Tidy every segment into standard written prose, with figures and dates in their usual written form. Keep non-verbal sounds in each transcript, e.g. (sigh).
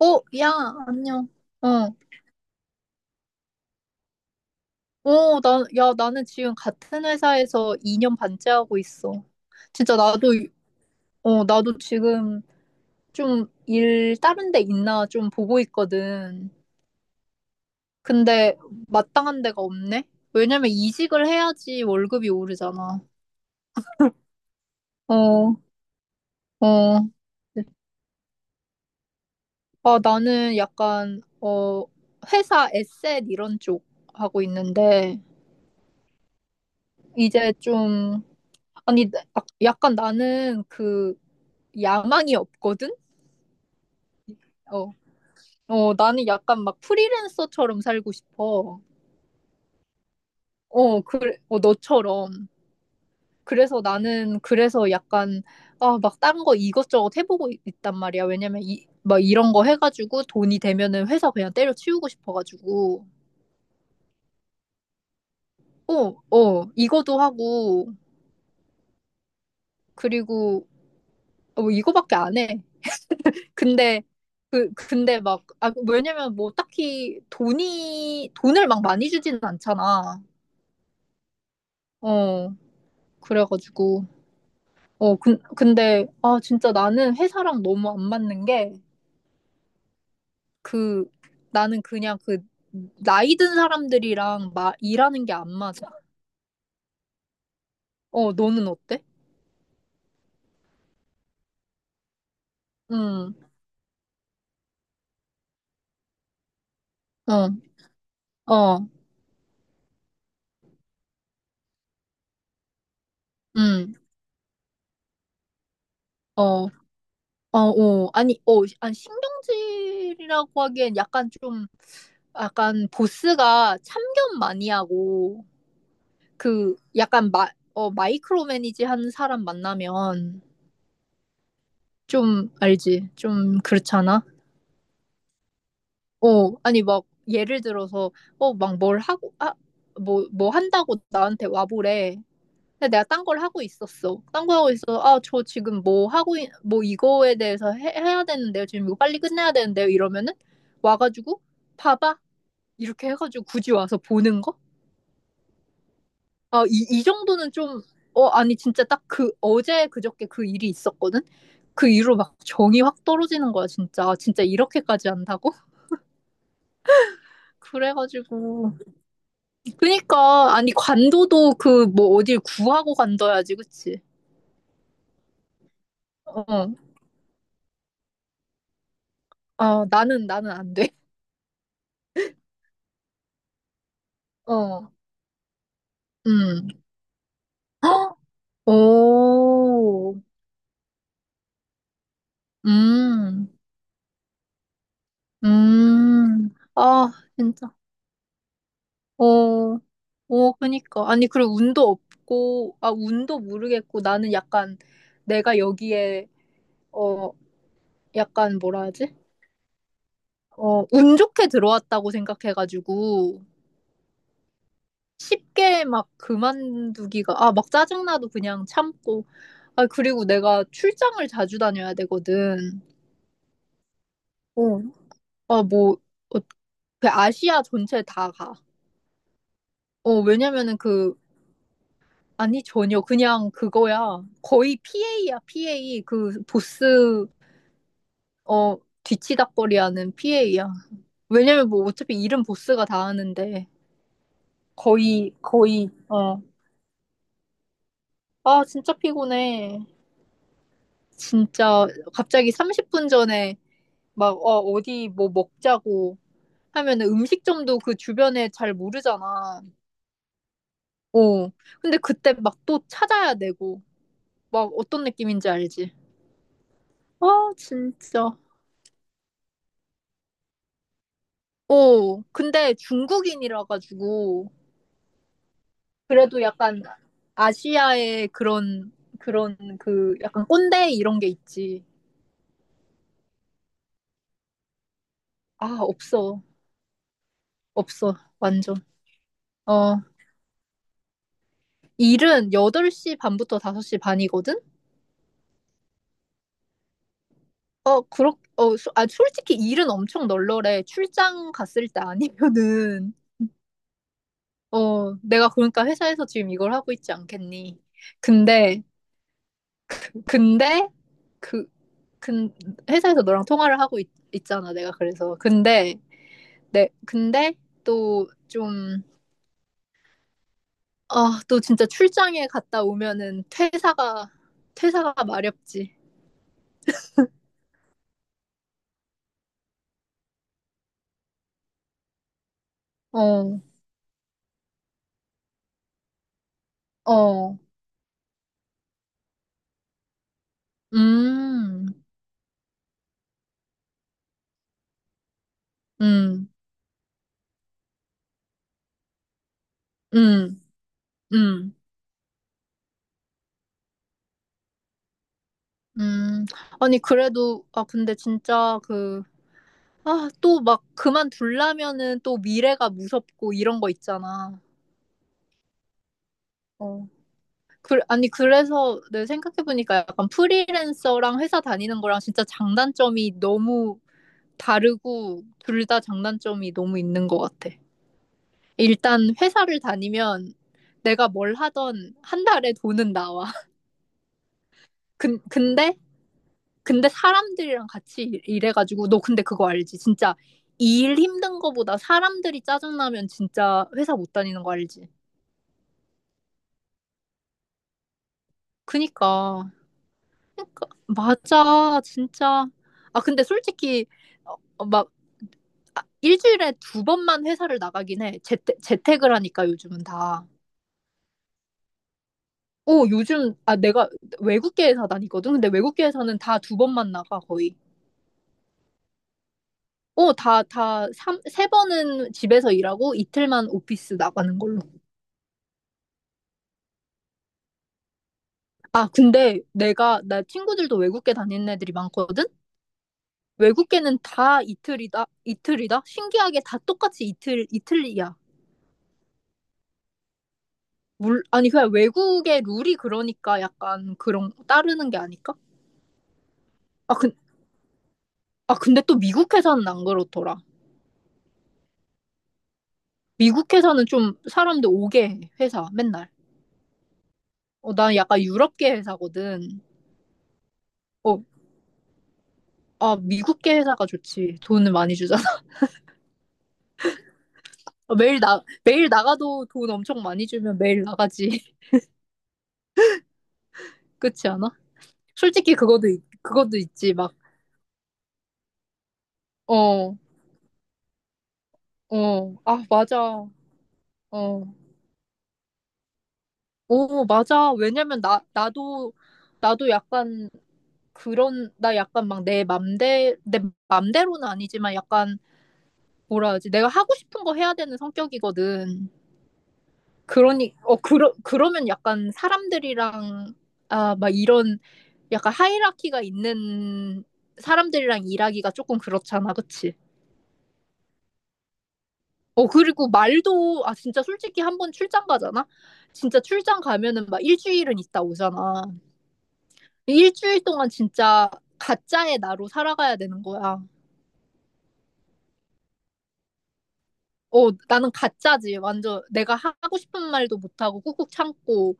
야, 안녕. 어, 야, 나는 지금 같은 회사에서 2년 반째 하고 있어. 진짜 나도 지금 좀 일 다른 데 있나 좀 보고 있거든. 근데 마땅한 데가 없네? 왜냐면 이직을 해야지 월급이 오르잖아. 어, 어. 아, 나는 약간, 회사 에셋 이런 쪽 하고 있는데, 이제 좀, 아니, 약간 나는 야망이 없거든? 어. 나는 약간 막 프리랜서처럼 살고 싶어. 그래, 너처럼. 그래서 나는 그래서 약간, 아, 막 딴 거 이것저것 있단 말이야. 왜냐면 막 이런 거 해가지고 돈이 되면은 회사 그냥 때려치우고 싶어가지고. 어, 이거도 하고, 그리고, 이거밖에 안 해. 근데, 근데 막, 아, 왜냐면 뭐 딱히 돈을 막 많이 주지는 않잖아. 어. 그래가지고 근데 진짜 나는 회사랑 너무 안 맞는 게, 그 나는 그냥 나이 든 사람들이랑 일하는 게 안 맞아. 너는 어때? 응. 어. 어. 응. 어. 아니, 아니, 신경질이라고 하기엔 약간 좀, 약간 보스가 참견 많이 하고, 약간 마이크로 매니지 하는 사람 만나면, 좀, 알지? 좀 그렇잖아? 아니, 막, 예를 들어서, 막 뭘 하고, 아, 뭐 한다고 나한테 와보래. 근데 내가 딴 걸 하고 있었어. 딴 거 하고 있어. 아, 저 지금 뭐 뭐 이거에 대해서 해야 되는데요. 지금 이거 빨리 끝내야 되는데요. 이러면은, 와가지고, 봐봐. 이렇게 해가지고 굳이 와서 보는 거? 아, 이 정도는 좀, 아니, 진짜 딱 어제 그저께 그 일이 있었거든? 그 이후로 막 정이 확 떨어지는 거야, 진짜. 아, 진짜 이렇게까지 한다고? (laughs) 그래가지고. 그니까 아니 관도도 그 뭐 어딜 구하고 간다야지, 그치? 어, 어.. 나는 안 돼. (laughs) 어. 음. 오. 음. 음. 아, 진짜. 어. 그니까 아니, 그리고 운도 없고, 운도 모르겠고, 나는 약간 내가 여기에 어 약간 뭐라 하지? 운 좋게 들어왔다고 생각해가지고, 쉽게 막 그만두기가, 막 짜증나도 그냥 참고. 그리고 내가 출장을 자주 다녀야 되거든. 어. 뭐 어, 그 아시아 전체 다 가. 왜냐면은, 그, 아니, 전혀 그냥 그거야. 거의 PA야, PA, 그 보스 어 뒤치다꺼리하는 PA야. 왜냐면 뭐 어차피 일은 보스가 다 하는데, 거의 거의. 진짜 피곤해. 진짜 갑자기 30분 전에 막, 어디 뭐 먹자고 하면은 음식점도 그 주변에 잘 모르잖아. 어, 근데 그때 막 또 찾아야 되고, 막 어떤 느낌인지 알지? 아, 진짜. 근데 중국인이라 가지고, 그래도 약간 아시아의 그런 약간 꼰대 이런 게 있지. 아, 없어. 없어. 완전. 어, 일은 8시 반부터 5시 반이거든? 아, 솔직히 일은 엄청 널널해. 출장 갔을 때 아니면은, 내가 그러니까 회사에서 지금 이걸 하고 있지 않겠니? 근데, 근데, 그, 근, 회사에서 너랑 통화를 하고 있, 잖아, 내가. 그래서, 근데, 근데 또 좀, 아, 또 진짜 출장에 갔다 오면은 퇴사가 마렵지. 어, 어, 음, 음, 음, 음. 음, 아니, 그래도, 아, 근데 진짜 아, 또 막 그만둘라면은 또 미래가 무섭고 이런 거 있잖아. 어. 아니, 그래서 내 생각해보니까, 약간 프리랜서랑 회사 다니는 거랑 진짜 장단점이 너무 다르고, 둘 다 장단점이 너무 있는 것 같아. 일단 회사를 다니면, 내가 뭘 하던 한 달에 돈은 나와. (laughs) 근, 근데 근데 사람들이랑 같이 해가지고, 너 근데 그거 알지? 진짜 일 힘든 거보다 사람들이 짜증나면 진짜 회사 못 다니는 거 알지? 그니까. 맞아, 진짜. 근데 솔직히 어, 어, 막 일주일에 두 번만 회사를 나가긴 해. 재택을 하니까, 요즘은 다. 요즘 내가 외국계 회사 다니거든. 근데 외국계 회사는 다 두 번만 나가, 거의. 세 번은 집에서 일하고 이틀만 오피스 나가는 걸로. 아, 근데 나 친구들도 외국계 다니는 애들이 많거든? 외국계는 다 이틀이다? 이틀이다? 신기하게 다 똑같이 이틀, 이틀이야. 아니, 그냥 외국의 룰이 그러니까 약간 따르는 게 아닐까? 아, 근, 근데 또 미국 회사는 안 그렇더라. 미국 회사는 좀 사람들 오게 해, 회사, 맨날. 난 약간 유럽계 회사거든. 어, 아, 미국계 회사가 좋지. 돈을 많이 주잖아. (laughs) 매일 나가도 돈 엄청 많이 주면 매일 나가지. (laughs) 그렇지 않아? 솔직히 그것도 있지, 막. 어, 아, 맞아, 어, 오, 맞아. 왜냐면 나 나도 나도 약간. 그런 나 약간 막 내 맘대로는 아니지만, 약간 뭐라 하지, 내가 하고 싶은 거 해야 되는 성격이거든. 그러니 그러면, 약간 사람들이랑 막 이런 약간 하이라키가 있는 사람들이랑 일하기가 조금 그렇잖아, 그치? 그리고 말도, 아, 진짜 솔직히 한 번 출장 가잖아? 진짜 출장 가면은 막 일주일은 있다 오잖아. 일주일 동안 진짜 가짜의 나로 살아가야 되는 거야. 나는 가짜지. 완전 내가 하고 싶은 말도 못하고 꾹꾹 참고.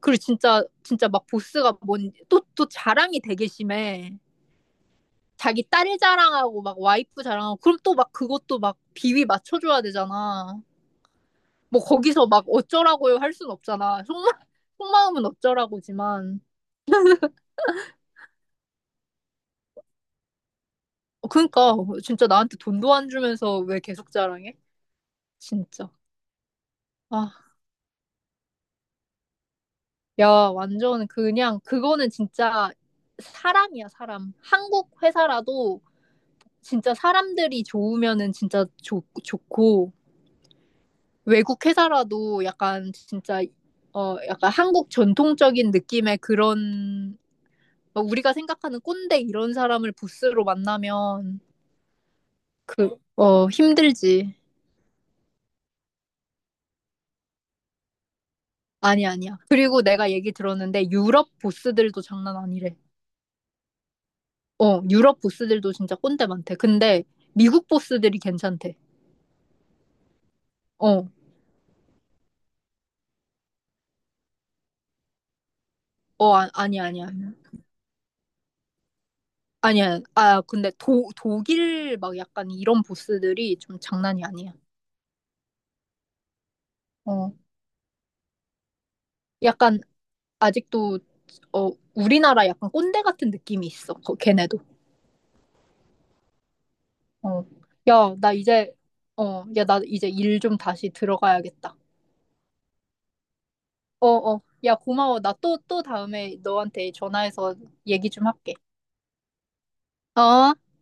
그리고 진짜, 진짜 막 보스가 또, 또 자랑이 되게 심해. 자기 딸 자랑하고 막 와이프 자랑하고. 그럼 또 막 그것도 막 비위 맞춰줘야 되잖아. 뭐 거기서 막 어쩌라고요 할 순 없잖아. 속마음은 어쩌라고지만. 그러니까 진짜 나한테 돈도 안 주면서 왜 계속 자랑해? 진짜. 아, 야, 완전 그냥 그거는 진짜 사람이야, 사람. 한국 회사라도 진짜 사람들이 좋으면은 진짜 좋고, 외국 회사라도 약간 진짜 약간 한국 전통적인 느낌의 그런, 막 우리가 생각하는 꼰대 이런 사람을 부스로 만나면, 그, 힘들지. 아니, 아니야. 그리고 내가 얘기 들었는데 유럽 보스들도 장난 아니래. 유럽 보스들도 진짜 꼰대 많대. 근데 미국 보스들이 괜찮대. 어, 아, 아니, 아니야. 아니야. 아, 근데 독일 막 약간 이런 보스들이 좀 장난이 아니야. 어, 약간 아직도, 우리나라 약간 꼰대 같은 느낌이 있어. 걔네도. 어, 야, 나 이제, 야, 나 이제 일 좀 다시 들어가야겠다. 어, 어. 야, 고마워. 나 또, 또 다음에 너한테 전화해서 얘기 좀 할게. 어?